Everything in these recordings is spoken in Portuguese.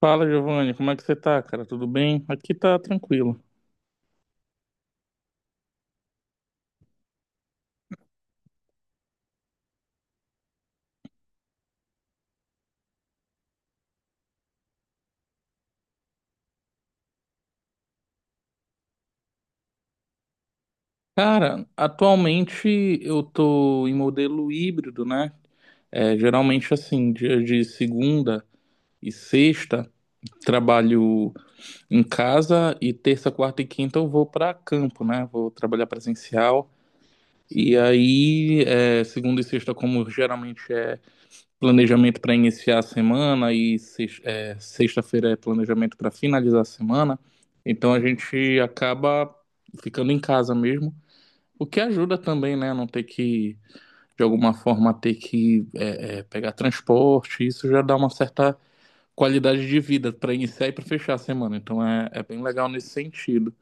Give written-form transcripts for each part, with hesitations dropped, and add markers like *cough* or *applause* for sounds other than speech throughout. Fala, Giovanni, como é que você tá, cara? Tudo bem? Aqui tá tranquilo. Cara, atualmente eu tô em modelo híbrido, né? É, geralmente assim, dia de segunda e sexta, trabalho em casa e terça, quarta e quinta eu vou pra campo, né? Vou trabalhar presencial. E aí, segunda e sexta, como geralmente é planejamento para iniciar a semana e sexta-feira é planejamento para finalizar a semana. Então a gente acaba ficando em casa mesmo, o que ajuda também, né? Não ter que, de alguma forma, ter que pegar transporte. Isso já dá uma certa qualidade de vida para iniciar e para fechar a semana. Então é bem legal nesse sentido.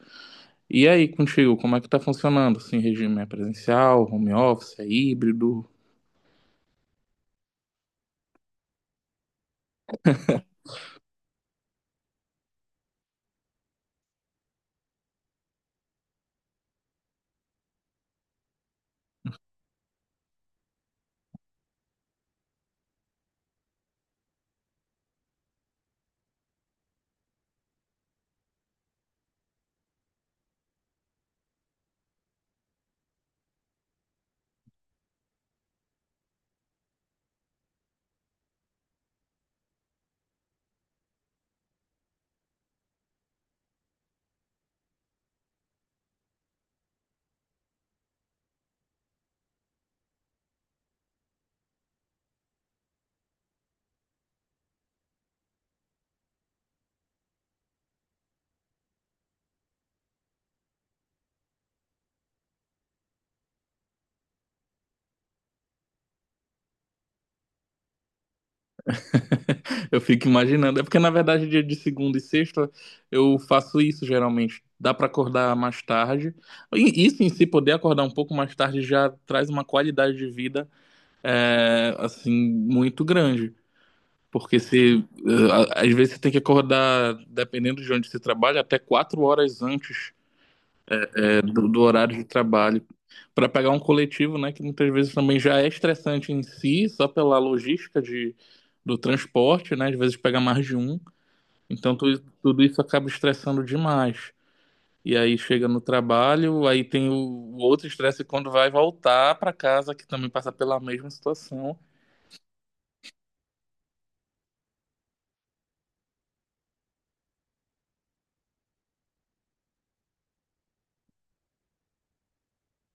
E aí, contigo, como é que tá funcionando? Assim, regime é presencial, home office, é híbrido? *laughs* Eu fico imaginando. É porque, na verdade, dia de segunda e sexta eu faço isso geralmente. Dá pra acordar mais tarde. E isso em si, poder acordar um pouco mais tarde já traz uma qualidade de vida, assim, muito grande. Porque se, eh, a- às vezes você tem que acordar, dependendo de onde você trabalha, até quatro horas antes, do horário de trabalho. Pra pegar um coletivo, né, que muitas vezes também já é estressante em si, só pela logística do transporte, né? Às vezes pega mais de um. Então tudo isso acaba estressando demais. E aí chega no trabalho, aí tem o outro estresse quando vai voltar para casa, que também passa pela mesma situação.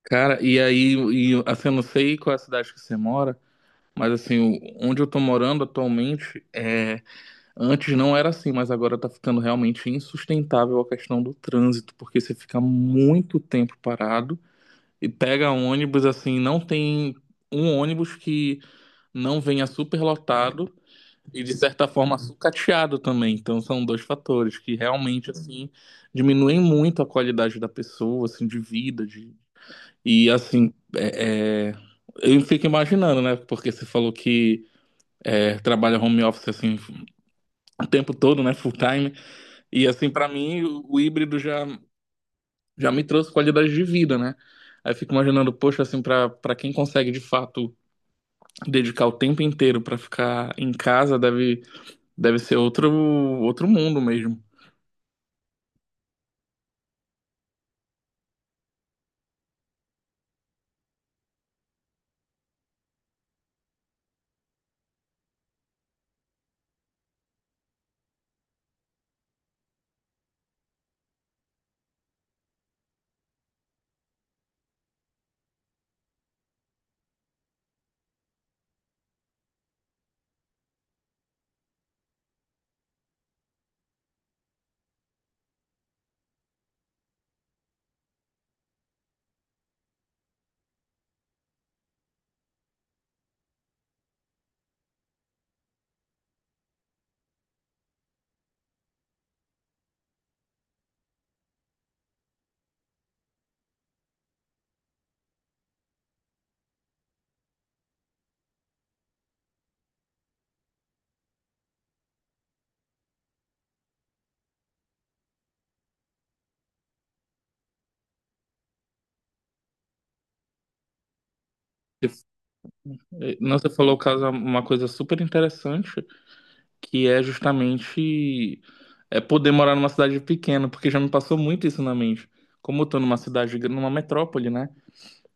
Cara, assim, eu não sei qual é a cidade que você mora, mas assim, onde eu tô morando atualmente, antes não era assim, mas agora tá ficando realmente insustentável a questão do trânsito, porque você fica muito tempo parado e pega ônibus, assim, não tem um ônibus que não venha superlotado, e de certa forma sucateado também. Então são dois fatores que realmente assim diminuem muito a qualidade da pessoa, assim, de vida, de… e eu fico imaginando, né? Porque você falou que trabalha home office assim o tempo todo, né? Full time. E assim, pra mim, o híbrido já me trouxe qualidade de vida, né? Aí eu fico imaginando, poxa, assim, pra quem consegue de fato dedicar o tempo inteiro pra ficar em casa, deve ser outro mundo mesmo. Não, você falou caso uma coisa super interessante, que é justamente poder morar numa cidade pequena, porque já me passou muito isso na mente. Como eu tô numa numa metrópole, né?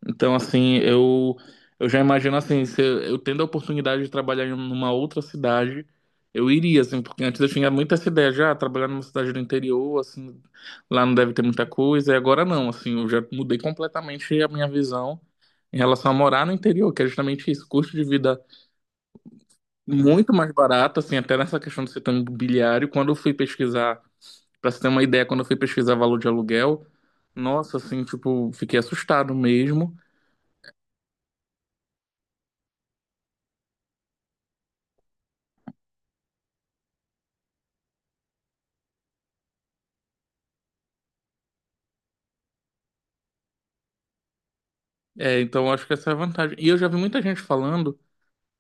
Então, assim, eu já imagino assim, se eu tendo a oportunidade de trabalhar em uma outra cidade, eu iria, assim, porque antes eu tinha muito essa ideia já, trabalhar numa cidade do interior, assim, lá não deve ter muita coisa, e agora não, assim, eu já mudei completamente a minha visão em relação a morar no interior, que é justamente isso, custo de vida muito mais barato, assim, até nessa questão do setor imobiliário, quando eu fui pesquisar, para você ter uma ideia, quando eu fui pesquisar valor de aluguel, nossa, assim, tipo, fiquei assustado mesmo. É, então eu acho que essa é a vantagem. E eu já vi muita gente falando,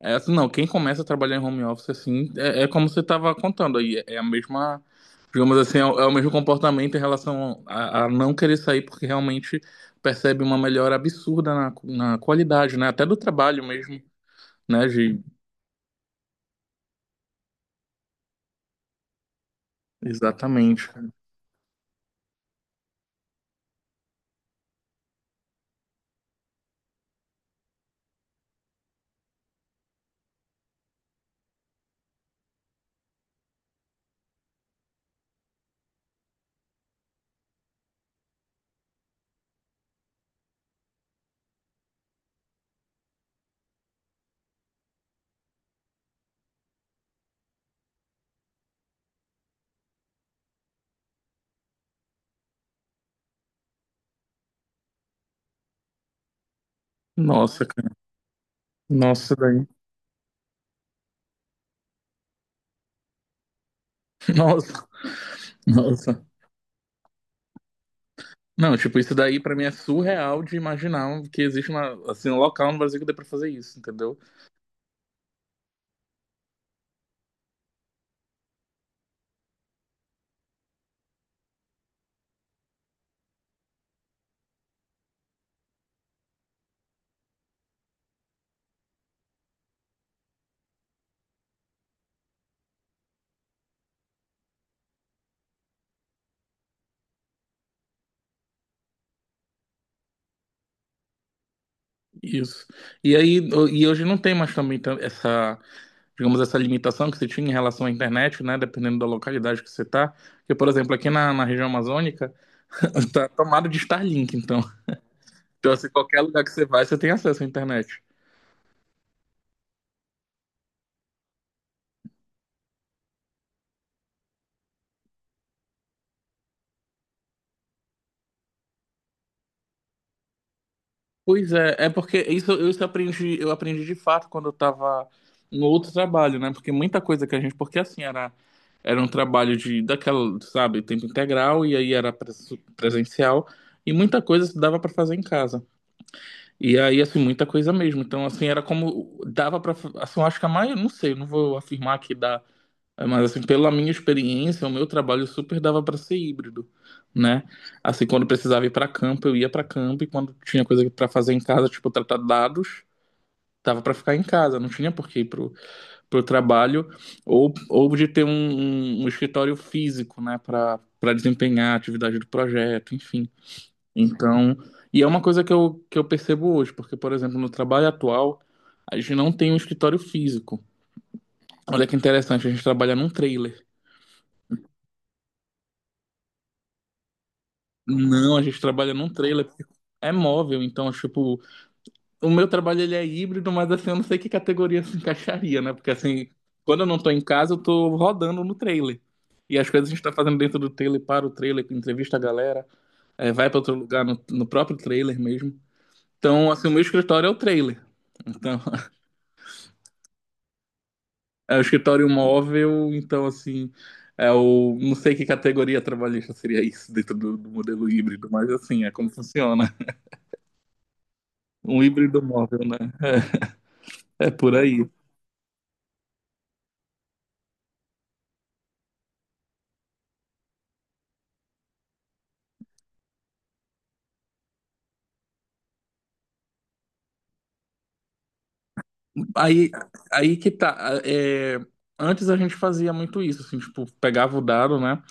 assim, não, quem começa a trabalhar em home office assim, como você estava contando aí, é a mesma, digamos assim, é o mesmo comportamento em relação a não querer sair, porque realmente percebe uma melhora absurda na qualidade, né? Até do trabalho mesmo, né, de… Exatamente, cara. Nossa, cara. Nossa, daí. *laughs* Nossa. Nossa. Não, tipo, isso daí pra mim é surreal de imaginar um, que existe uma, assim, um local no Brasil que dê pra fazer isso, entendeu? Isso. E aí, e hoje não tem mais também essa, digamos, essa limitação que você tinha em relação à internet, né? Dependendo da localidade que você tá. Porque, por exemplo, aqui na região amazônica, *laughs* tá tomado de Starlink, então. Então, assim, qualquer lugar que você vai, você tem acesso à internet. Pois é, é porque isso aprendi, eu aprendi de fato quando eu estava no outro trabalho, né? Porque muita coisa que a gente, porque assim era um trabalho de daquela, sabe, tempo integral e aí era presencial e muita coisa se dava para fazer em casa. E aí assim, muita coisa mesmo. Então assim, era como dava para assim, eu acho que a maioria, não sei, não vou afirmar que dá. É, mas assim, pela minha experiência, o meu trabalho super dava para ser híbrido, né? Assim, quando precisava ir para campo, eu ia para campo e quando tinha coisa para fazer em casa, tipo tratar dados, dava para ficar em casa, não tinha por que ir pro, pro trabalho ou de ter um escritório físico, né, para para desempenhar a atividade do projeto, enfim. Então, e é uma coisa que eu percebo hoje, porque por exemplo, no trabalho atual, a gente não tem um escritório físico. Olha que interessante, a gente trabalha num trailer. Não, a gente trabalha num trailer, porque é móvel, então, tipo, o meu trabalho ele é híbrido, mas assim, eu não sei que categoria se encaixaria, né? Porque assim, quando eu não tô em casa, eu tô rodando no trailer. E as coisas a gente tá fazendo dentro do trailer, para o trailer, entrevista a galera, vai para outro lugar no próprio trailer mesmo. Então, assim, o meu escritório é o trailer. Então, *laughs* é o escritório móvel, então, assim, é o… Não sei que categoria trabalhista seria isso dentro do modelo híbrido, mas assim, é como funciona. Um híbrido móvel, né? É, é por aí. Aí, aí que tá. Antes a gente fazia muito isso, assim, tipo, pegava o dado, né?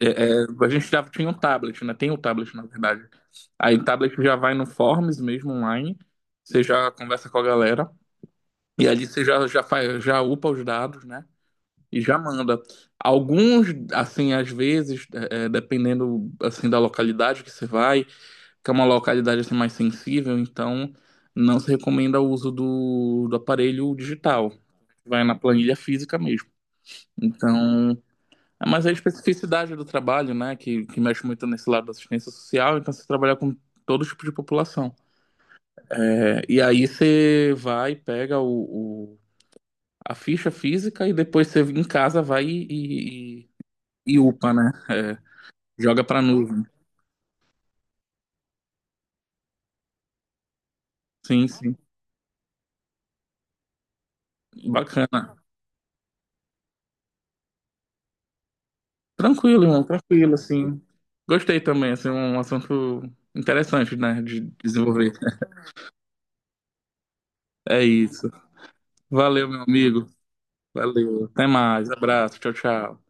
A gente já tinha um tablet, né? Tem o tablet, na verdade. Aí o tablet já vai no Forms mesmo online, você já conversa com a galera, e ali você já, já faz, já upa os dados, né? E já manda. Alguns, assim, às vezes, dependendo, assim, da localidade que você vai, que é uma localidade assim, mais sensível, então não se recomenda o uso do aparelho digital. Vai na planilha física mesmo. Então, mas a especificidade do trabalho, né, que mexe muito nesse lado da assistência social, então você trabalha com todo tipo de população. É, e aí você vai, pega a ficha física e depois você em casa vai e upa, né? É, joga pra nuvem. Sim, sim. Bacana. Tranquilo, irmão, tranquilo, assim. Gostei também, assim, um assunto interessante, né, de desenvolver. É isso. Valeu, meu amigo. Valeu. Até mais. Abraço. Tchau, tchau.